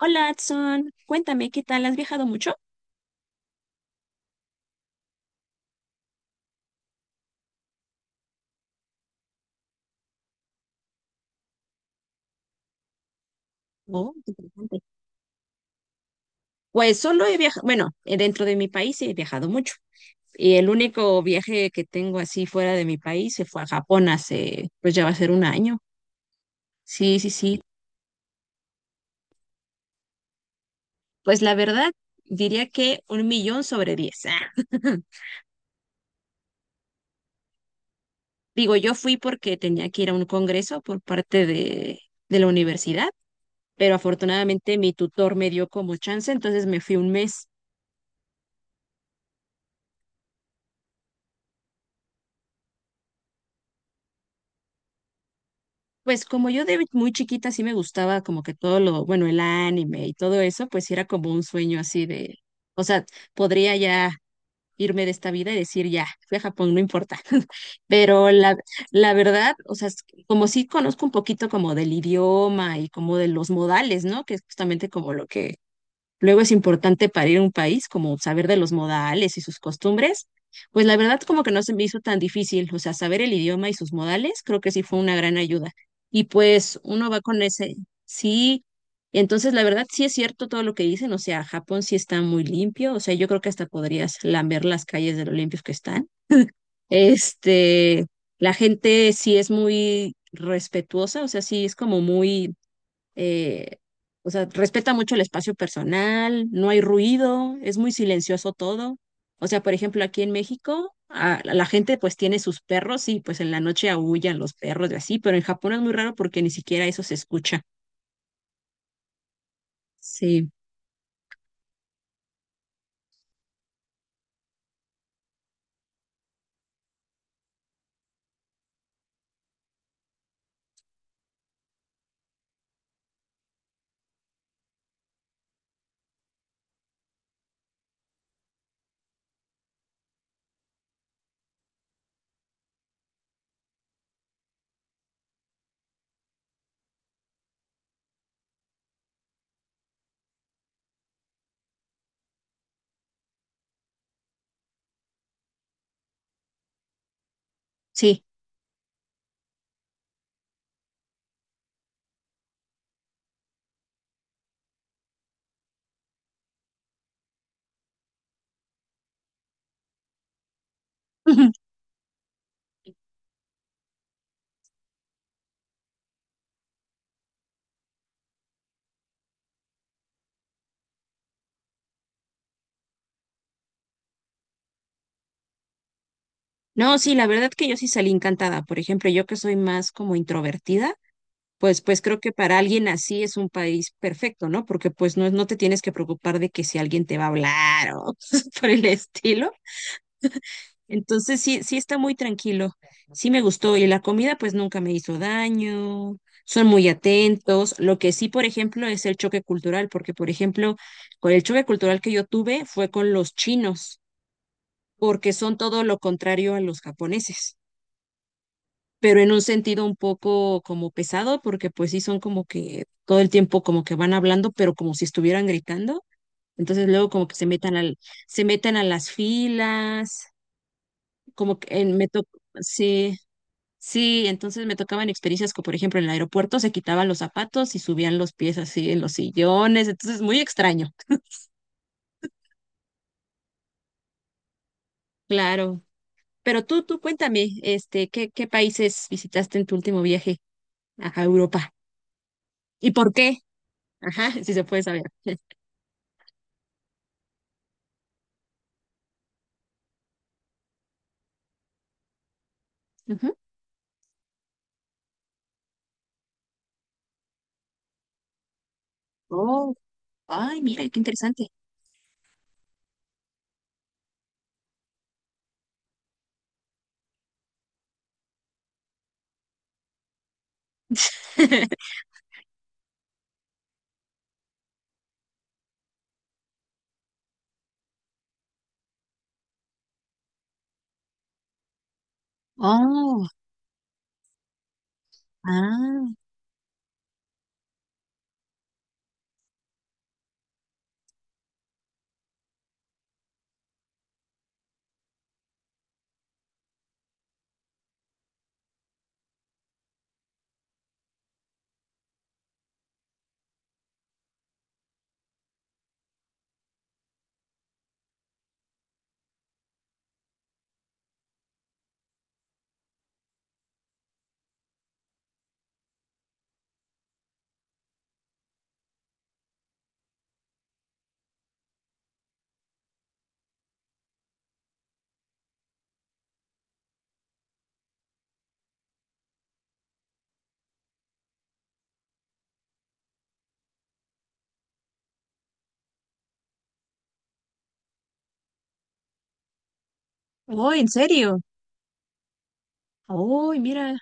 Hola, Adson. Cuéntame, ¿qué tal? ¿Has viajado mucho? Oh, interesante. Pues solo he viajado, bueno, dentro de mi país he viajado mucho. Y el único viaje que tengo así fuera de mi país se fue a Japón hace, pues ya va a ser un año. Sí, sí, sí. Pues la verdad, diría que 1.000.000 sobre diez. Digo, yo fui porque tenía que ir a un congreso por parte de la universidad, pero afortunadamente mi tutor me dio como chance, entonces me fui un mes. Pues como yo de muy chiquita sí me gustaba como que todo lo, bueno, el anime y todo eso, pues sí era como un sueño así de, o sea, podría ya irme de esta vida y decir ya, fui a Japón, no importa. Pero la verdad, o sea, es que como sí conozco un poquito como del idioma y como de los modales, ¿no? Que es justamente como lo que luego es importante para ir a un país, como saber de los modales y sus costumbres, pues la verdad como que no se me hizo tan difícil, o sea, saber el idioma y sus modales creo que sí fue una gran ayuda. Y pues uno va con ese, sí, entonces la verdad sí es cierto todo lo que dicen, o sea, Japón sí está muy limpio, o sea, yo creo que hasta podrías lamber las calles de lo limpios que están. Este, la gente sí es muy respetuosa, o sea, sí es como muy eh, o sea, respeta mucho el espacio personal, no hay ruido, es muy silencioso todo. O sea, por ejemplo, aquí en México, la gente pues tiene sus perros y pues en la noche aúllan los perros y así, pero en Japón es muy raro porque ni siquiera eso se escucha. Sí, sí. No, sí, la verdad que yo sí salí encantada. Por ejemplo, yo que soy más como introvertida, pues, pues creo que para alguien así es un país perfecto, ¿no? Porque pues no, no te tienes que preocupar de que si alguien te va a hablar o cosas por el estilo. Entonces sí, sí está muy tranquilo. Sí me gustó. Y la comida pues nunca me hizo daño. Son muy atentos. Lo que sí, por ejemplo, es el choque cultural, porque por ejemplo, con el choque cultural que yo tuve fue con los chinos, porque son todo lo contrario a los japoneses, pero en un sentido un poco como pesado, porque pues sí son como que todo el tiempo como que van hablando, pero como si estuvieran gritando. Entonces luego como que se meten a las filas, como que me tocó, sí. Sí, entonces me tocaban experiencias como, por ejemplo, en el aeropuerto se quitaban los zapatos y subían los pies así en los sillones, entonces muy extraño. Claro. Pero tú cuéntame, este, ¿qué países visitaste en tu último viaje a Europa? ¿Y por qué? Ajá, si se puede saber. Ujú. Oh, ay, mira, qué interesante. Oh, ah, oh, ¿en serio? Oh, mira.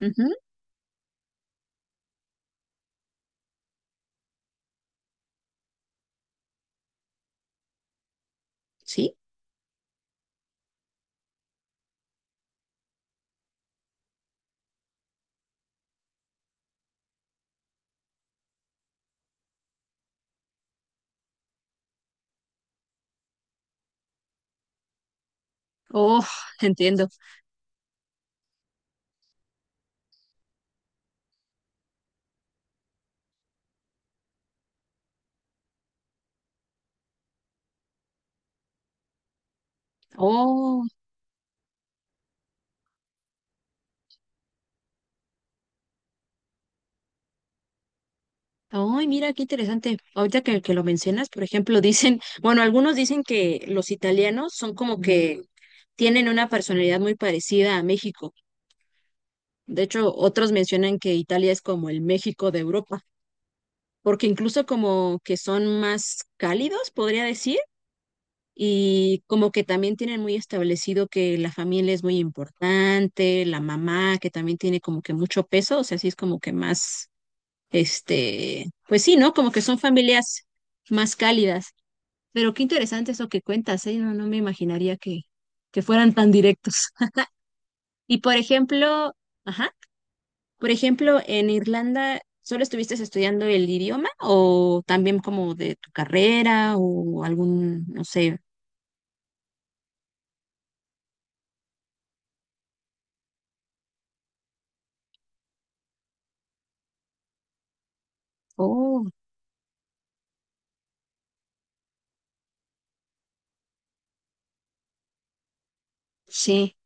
Ujú, Sí. Oh, entiendo. Oh. Ay, mira, qué interesante. Ahorita que lo mencionas, por ejemplo, dicen, bueno, algunos dicen que los italianos son como que tienen una personalidad muy parecida a México. De hecho, otros mencionan que Italia es como el México de Europa, porque incluso como que son más cálidos, podría decir, y como que también tienen muy establecido que la familia es muy importante, la mamá que también tiene como que mucho peso, o sea, sí es como que más Este, pues sí, ¿no? Como que son familias más cálidas. Pero qué interesante eso que cuentas, ¿eh? No, no me imaginaría que fueran tan directos. Y por ejemplo, ajá, por ejemplo, en Irlanda, ¿solo estuviste estudiando el idioma o también como de tu carrera o algún, no sé? Oh, sí.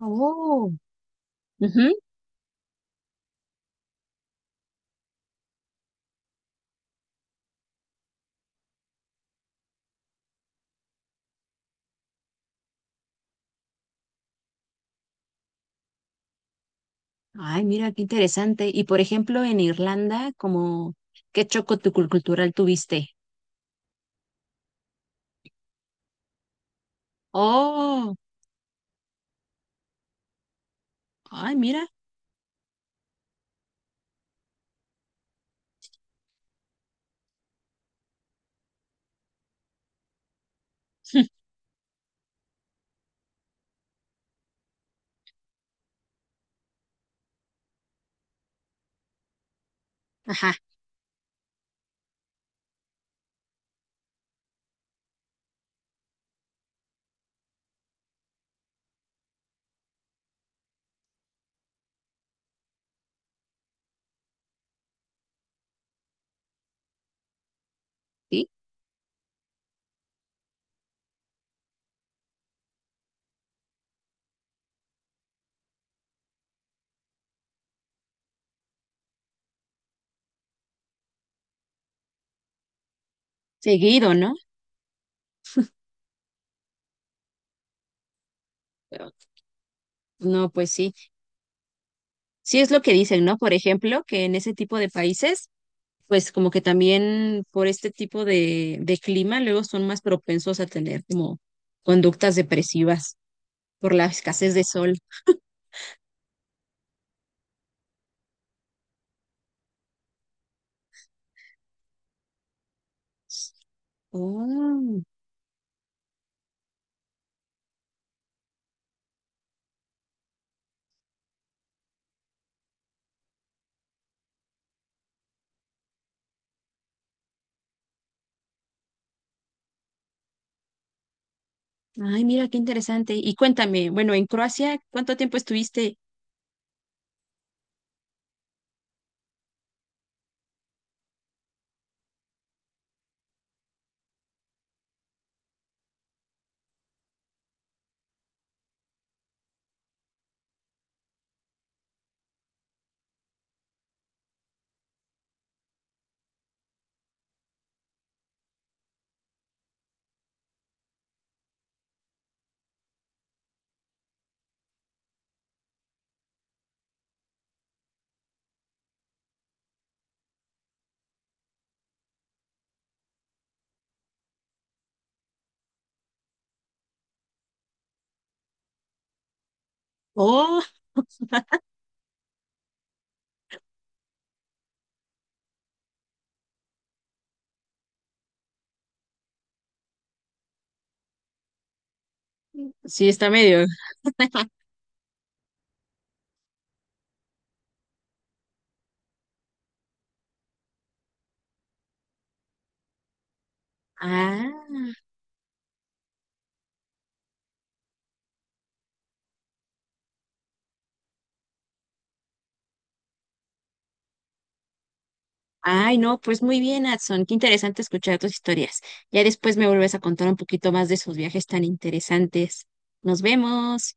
Oh, ujú. Ay, mira, qué interesante. Y por ejemplo, en Irlanda, como, ¿qué choco tu cultural tuviste? Oh, ay, mira. Ajá, sí, seguido, ¿no? Pero, no, pues sí, sí es lo que dicen, ¿no? Por ejemplo, que en ese tipo de países, pues como que también por este tipo de clima, luego son más propensos a tener como conductas depresivas por la escasez de sol. Oh, ay, mira, qué interesante. Y cuéntame, bueno, en Croacia, ¿cuánto tiempo estuviste? Oh, sí, está medio. Ah. Ay, no, pues muy bien, Adson. Qué interesante escuchar tus historias. Ya después me vuelves a contar un poquito más de esos viajes tan interesantes. Nos vemos.